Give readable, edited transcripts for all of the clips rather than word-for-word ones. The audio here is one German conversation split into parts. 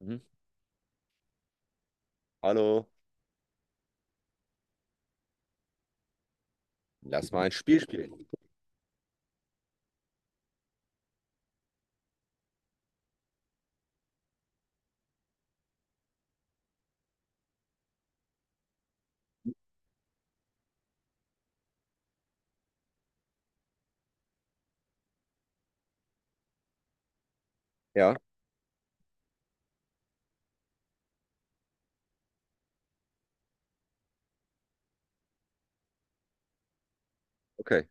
Mhm. Hallo, lass mal ein Spiel spielen. Ja. Okay,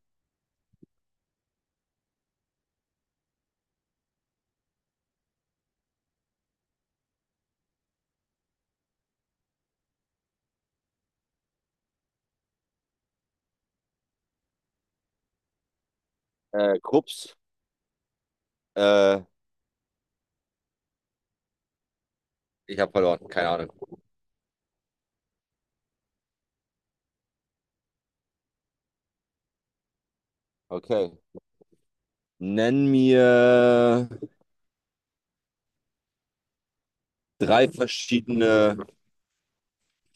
Krups, äh, ich habe verloren, keine Ahnung. Okay. Nenn mir drei verschiedene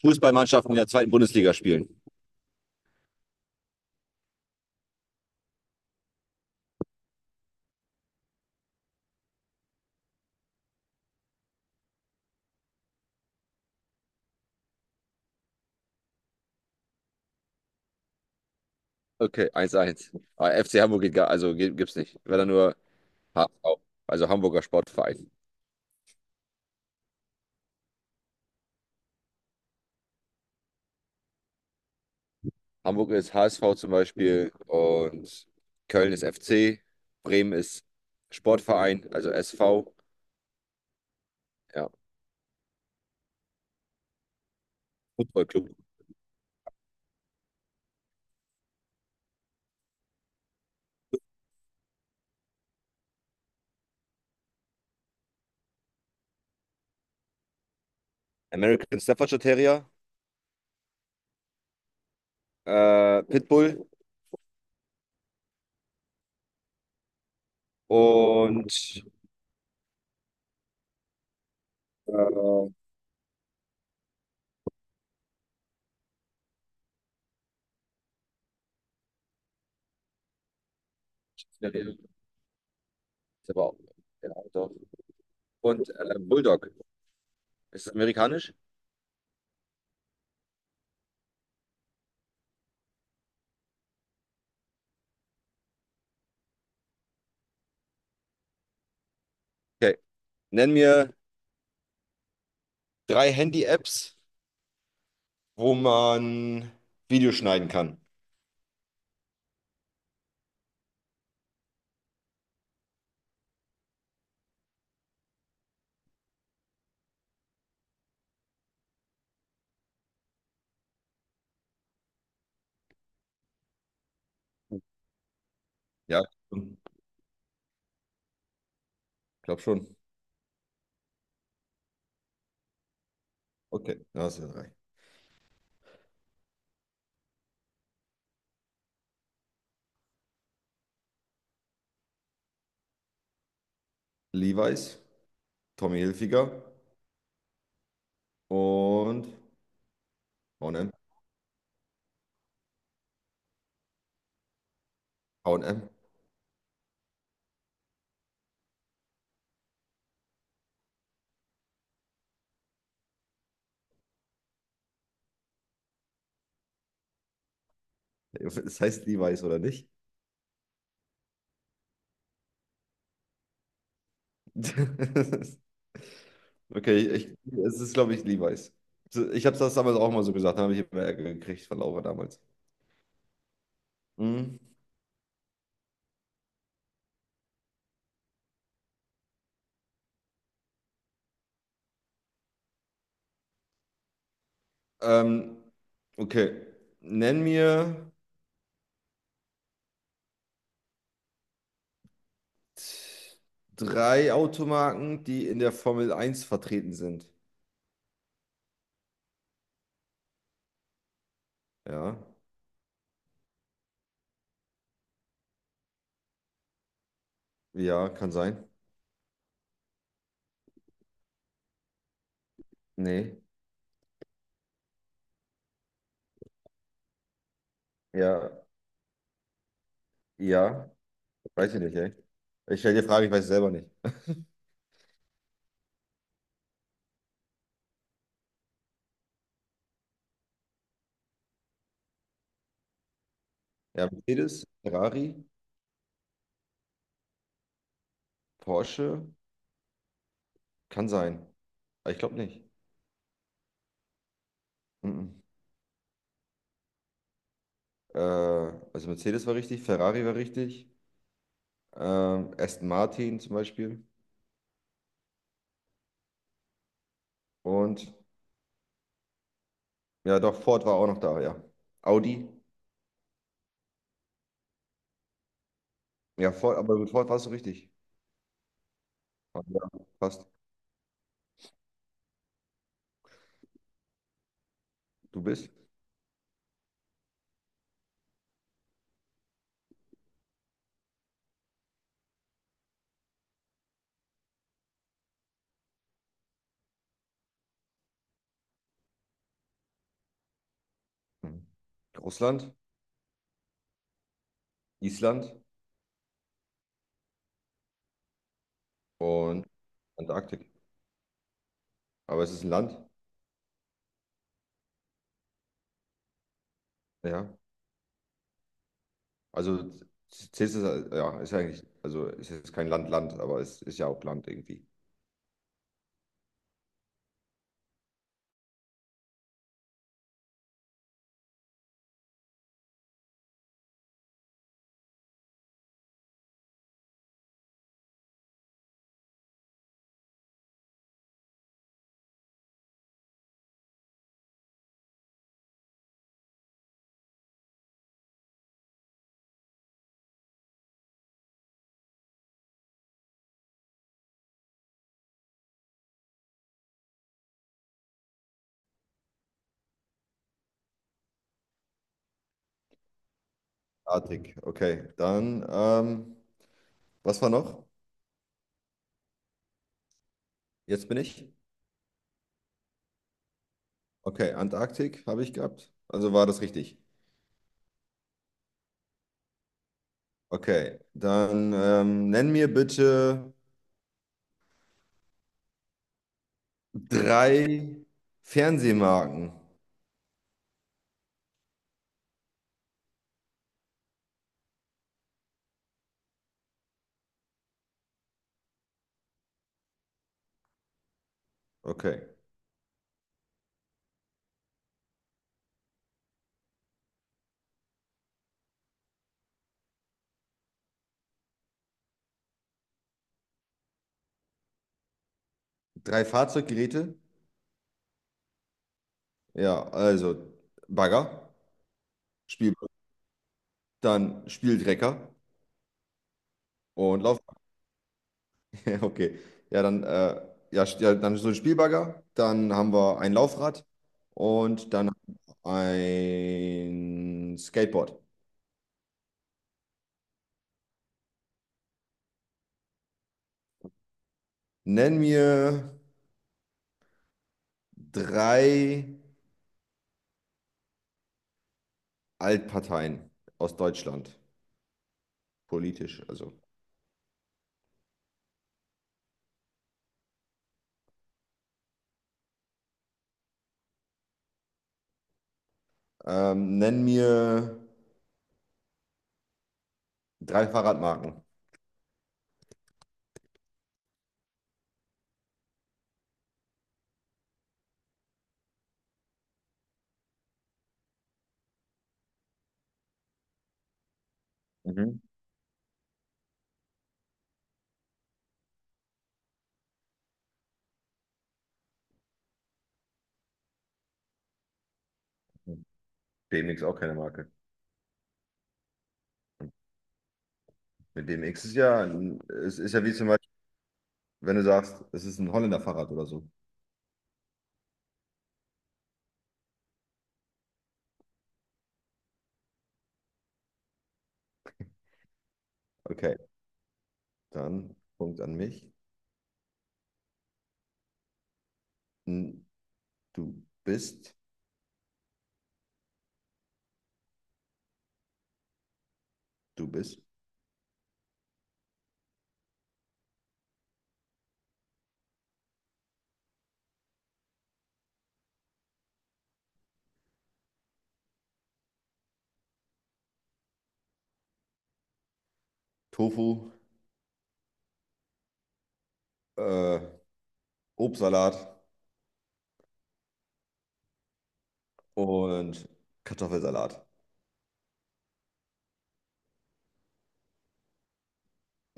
Fußballmannschaften, die in der zweiten Bundesliga spielen. Okay, eins eins. Aber FC Hamburg geht gar, also gibt's nicht. Wäre dann nur HSV, also Hamburger Sportverein. Hamburg ist HSV zum Beispiel und Köln ist FC, Bremen ist Sportverein, also SV, ja, Footballclub. American Staffordshire Terrier, Pitbull und äh, ist aber auch- der doch. Und Bulldog. Ist das amerikanisch? Okay. Nenn mir drei Handy-Apps, wo man Videos schneiden kann. Ja, ich glaube schon. Okay, das sind drei. Levi's, Tommy Hilfiger und H und M. H und M. Das heißt Levi's oder nicht? Okay, es ist, glaube ich, Levi's. So, ich habe das damals auch mal so gesagt, da habe ich immer Ärger gekriegt von Laura damals. Mhm. Ähm, okay, nenn mir drei Automarken, die in der Formel Eins vertreten sind. Ja, ja, kann sein. Nee, ja, ja, weiß ich nicht, ey. Ich stelle dir Fragen, ich weiß es selber nicht. Ja, Mercedes, Ferrari, Porsche, kann sein. Aber ich glaube nicht. Mhm. Also Mercedes war richtig, Ferrari war richtig. Aston Martin zum Beispiel. Und ja, doch, Ford war auch noch da, ja. Audi. Ja, Ford, aber mit Ford warst du richtig. Aber ja, fast. Du bist. Hm, Russland, Island und Antarktik. Aber es ist ein Land, ja. Also zählst du es, ja, ist ja eigentlich, also es ist jetzt kein Land, Land, aber es ist ja auch Land irgendwie. Antarktik, okay. Dann, was war noch? Jetzt bin ich. Okay, Antarktik habe ich gehabt. Also war das richtig. Okay, dann nenn mir bitte drei Fernsehmarken. Okay. Drei Fahrzeuggeräte? Ja, also Bagger, Spiel, dann Spieldrecker und Lauf. Ja, okay. Ja, dann, ja, dann so ein Spielbagger, dann haben wir ein Laufrad und dann ein Skateboard. Nenn mir drei Altparteien aus Deutschland, politisch, also. Nenn mir drei Fahrradmarken. Mhm. BMX auch keine Marke. Mit BMX ist ja, es ist ja wie zum Beispiel, wenn du sagst, es ist ein Holländer Fahrrad oder so. Okay, dann Punkt an mich. Hm, Du bist, du bist. Tofu, äh, Obstsalat und Kartoffelsalat.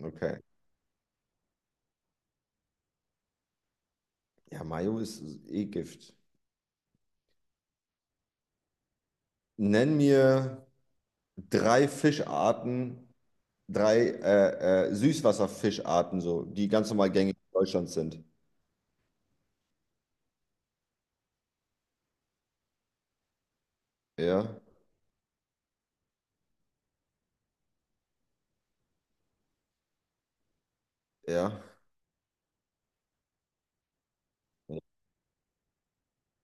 Okay. Ja, Mayo ist eh Gift. Nenn mir drei Fischarten, drei Süßwasserfischarten, so, die ganz normal gängig in Deutschland sind. Ja, ja,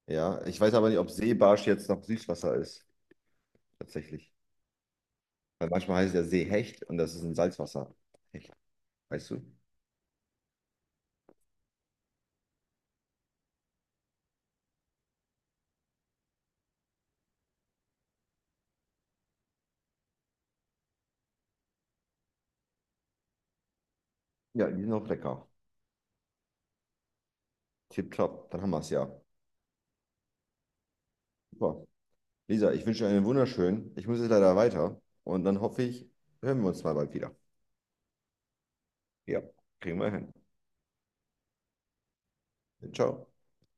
ja. Ich weiß aber nicht, ob Seebarsch jetzt noch Süßwasser ist, tatsächlich. Weil manchmal heißt es ja Seehecht und das ist ein Salzwasserhecht, weißt du? Ja, die sind auch lecker. Tipptopp, dann haben wir es ja. Super. Lisa, ich wünsche dir einen wunderschönen. Ich muss jetzt leider weiter und dann hoffe ich, hören wir uns mal bald wieder. Ja, kriegen wir hin. Ciao.